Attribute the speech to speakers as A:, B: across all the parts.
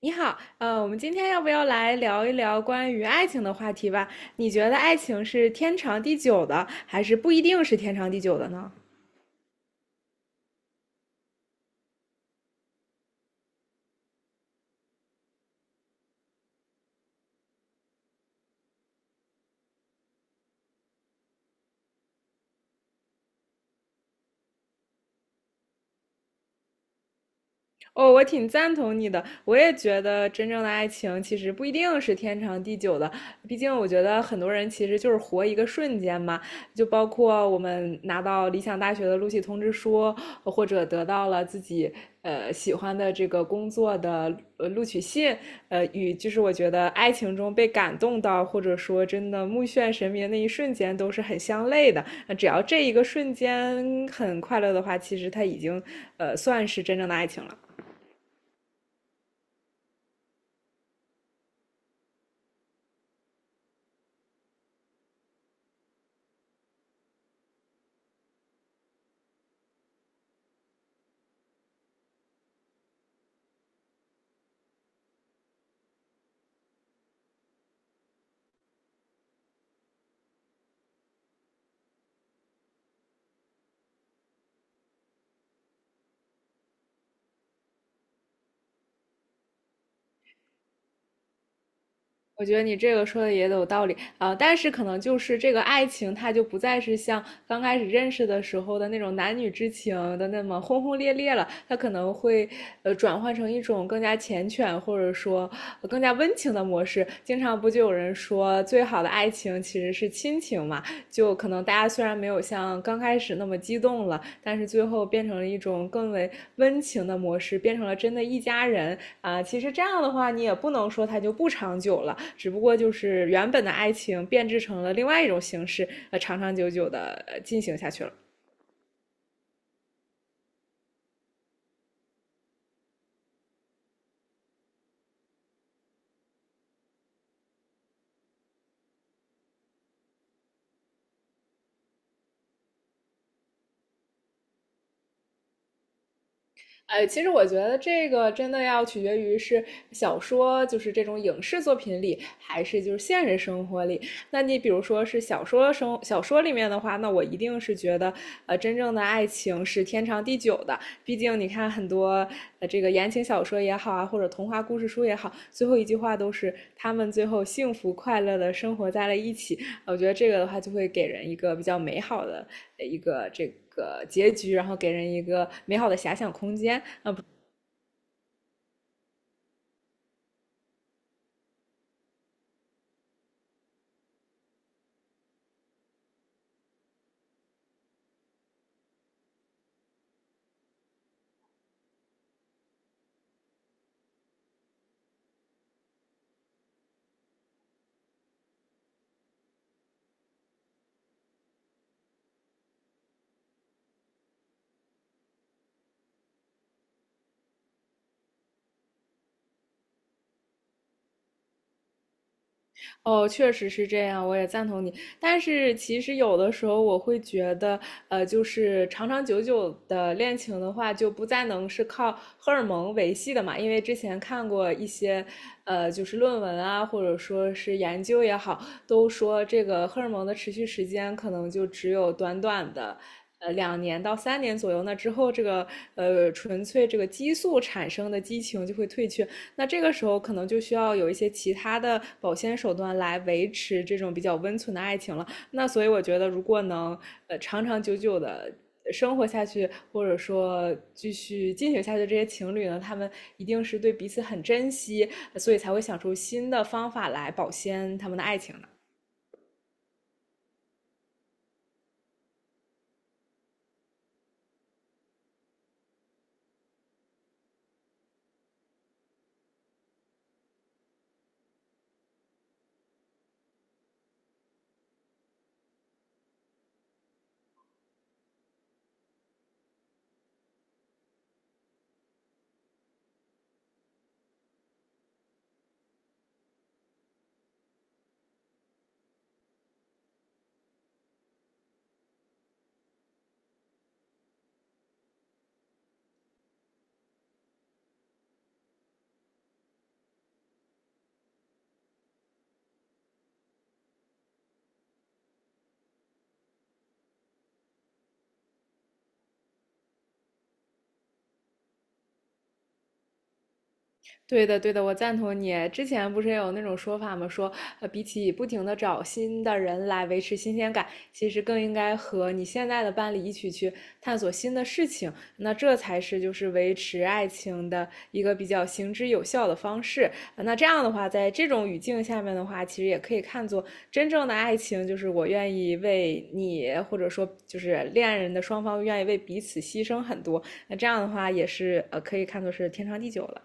A: 你好，我们今天要不要来聊一聊关于爱情的话题吧？你觉得爱情是天长地久的，还是不一定是天长地久的呢？哦，我挺赞同你的，我也觉得真正的爱情其实不一定是天长地久的，毕竟我觉得很多人其实就是活一个瞬间嘛，就包括我们拿到理想大学的录取通知书，或者得到了自己喜欢的这个工作的录取信，与就是我觉得爱情中被感动到，或者说真的目眩神迷的那一瞬间都是很相类的。那只要这一个瞬间很快乐的话，其实它已经算是真正的爱情了。我觉得你这个说的也有道理啊，但是可能就是这个爱情，它就不再是像刚开始认识的时候的那种男女之情的那么轰轰烈烈了，它可能会转换成一种更加缱绻或者说更加温情的模式。经常不就有人说，最好的爱情其实是亲情嘛？就可能大家虽然没有像刚开始那么激动了，但是最后变成了一种更为温情的模式，变成了真的一家人啊。其实这样的话，你也不能说它就不长久了，只不过就是原本的爱情变质成了另外一种形式，长长久久的进行下去了。其实我觉得这个真的要取决于是小说，就是这种影视作品里，还是就是现实生活里。那你比如说是小说里面的话，那我一定是觉得，真正的爱情是天长地久的。毕竟你看很多这个言情小说也好啊，或者童话故事书也好，最后一句话都是他们最后幸福快乐的生活在了一起。我觉得这个的话就会给人一个比较美好的一个这个结局，然后给人一个美好的遐想空间。哦，确实是这样，我也赞同你。但是其实有的时候我会觉得，就是长长久久的恋情的话，就不再能是靠荷尔蒙维系的嘛。因为之前看过一些，就是论文啊，或者说是研究也好，都说这个荷尔蒙的持续时间可能就只有短短的。两年到三年左右，那之后这个纯粹这个激素产生的激情就会退却。那这个时候可能就需要有一些其他的保鲜手段来维持这种比较温存的爱情了。那所以我觉得，如果能长长久久的生活下去，或者说继续进行下去，这些情侣呢，他们一定是对彼此很珍惜，所以才会想出新的方法来保鲜他们的爱情的。对的，对的，我赞同你。之前不是也有那种说法吗？说，比起不停的找新的人来维持新鲜感，其实更应该和你现在的伴侣一起去探索新的事情。那这才是就是维持爱情的一个比较行之有效的方式。那这样的话，在这种语境下面的话，其实也可以看作真正的爱情，就是我愿意为你，或者说就是恋人的双方愿意为彼此牺牲很多。那这样的话，也是可以看作是天长地久了。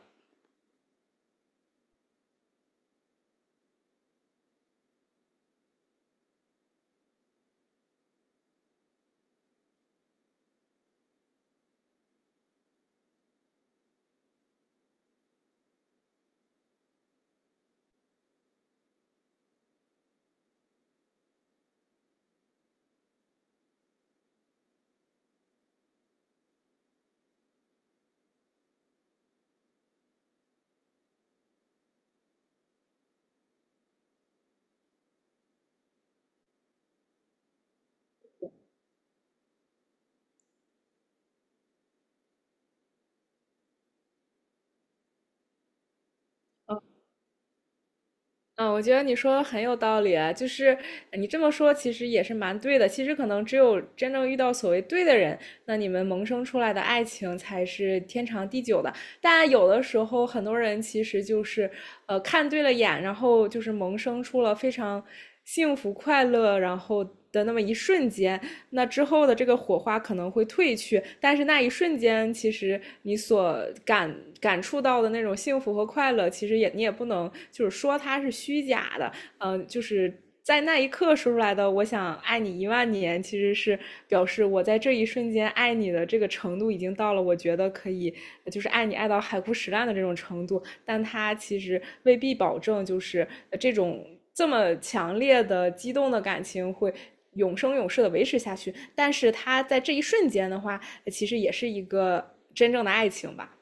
A: 嗯，我觉得你说的很有道理啊，就是你这么说，其实也是蛮对的。其实可能只有真正遇到所谓对的人，那你们萌生出来的爱情才是天长地久的。但有的时候，很多人其实就是看对了眼，然后就是萌生出了非常幸福快乐，然后的那么一瞬间，那之后的这个火花可能会褪去，但是那一瞬间，其实你所感感触到的那种幸福和快乐，其实也你也不能就是说它是虚假的，就是在那一刻说出来的“我想爱你一万年”，其实是表示我在这一瞬间爱你的这个程度已经到了，我觉得可以就是爱你爱到海枯石烂的这种程度。但它其实未必保证就是这种这么强烈的激动的感情会。永生永世的维持下去，但是他在这一瞬间的话，其实也是一个真正的爱情吧。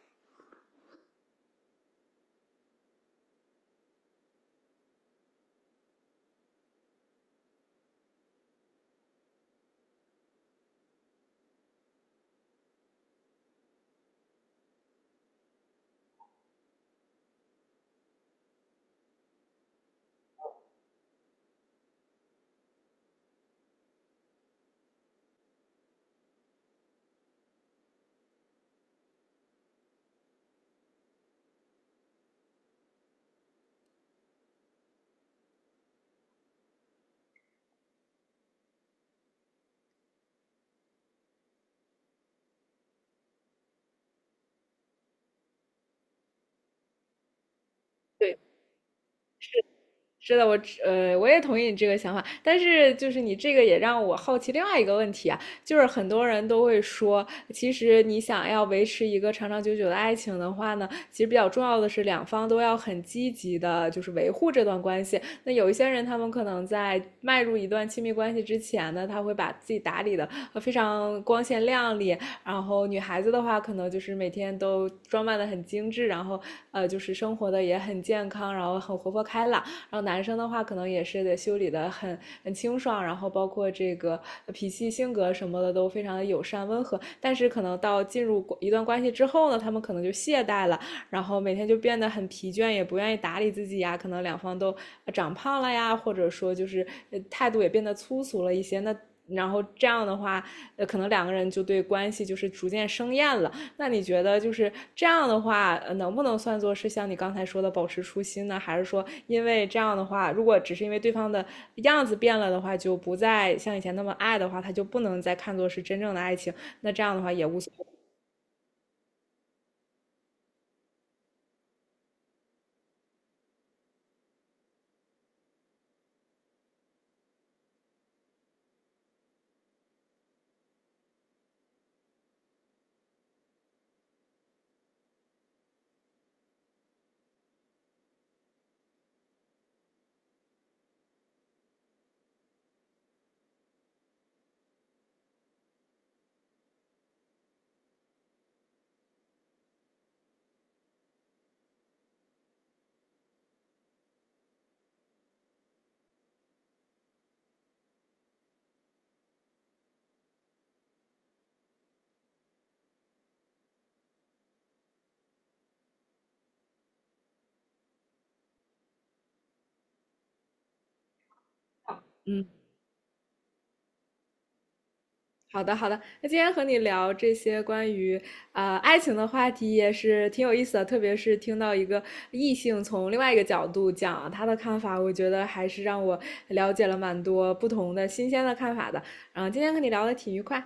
A: 对是的，我我也同意你这个想法，但是就是你这个也让我好奇另外一个问题啊，就是很多人都会说，其实你想要维持一个长长久久的爱情的话呢，其实比较重要的是两方都要很积极的，就是维护这段关系。那有一些人，他们可能在迈入一段亲密关系之前呢，他会把自己打理的非常光鲜亮丽，然后女孩子的话，可能就是每天都装扮的很精致，然后就是生活的也很健康，然后很活泼开朗。然后男生的话，可能也是得修理的很清爽，然后包括这个脾气、性格什么的都非常的友善温和。但是可能到进入一段关系之后呢，他们可能就懈怠了，然后每天就变得很疲倦，也不愿意打理自己呀。可能两方都长胖了呀，或者说就是态度也变得粗俗了一些。那然后这样的话，可能两个人就对关系就是逐渐生厌了。那你觉得就是这样的话，能不能算作是像你刚才说的保持初心呢？还是说，因为这样的话，如果只是因为对方的样子变了的话，就不再像以前那么爱的话，他就不能再看作是真正的爱情？那这样的话也无所谓。嗯好的，好的。那今天和你聊这些关于爱情的话题也是挺有意思的，特别是听到一个异性从另外一个角度讲他的看法，我觉得还是让我了解了蛮多不同的新鲜的看法的。嗯，今天和你聊的挺愉快。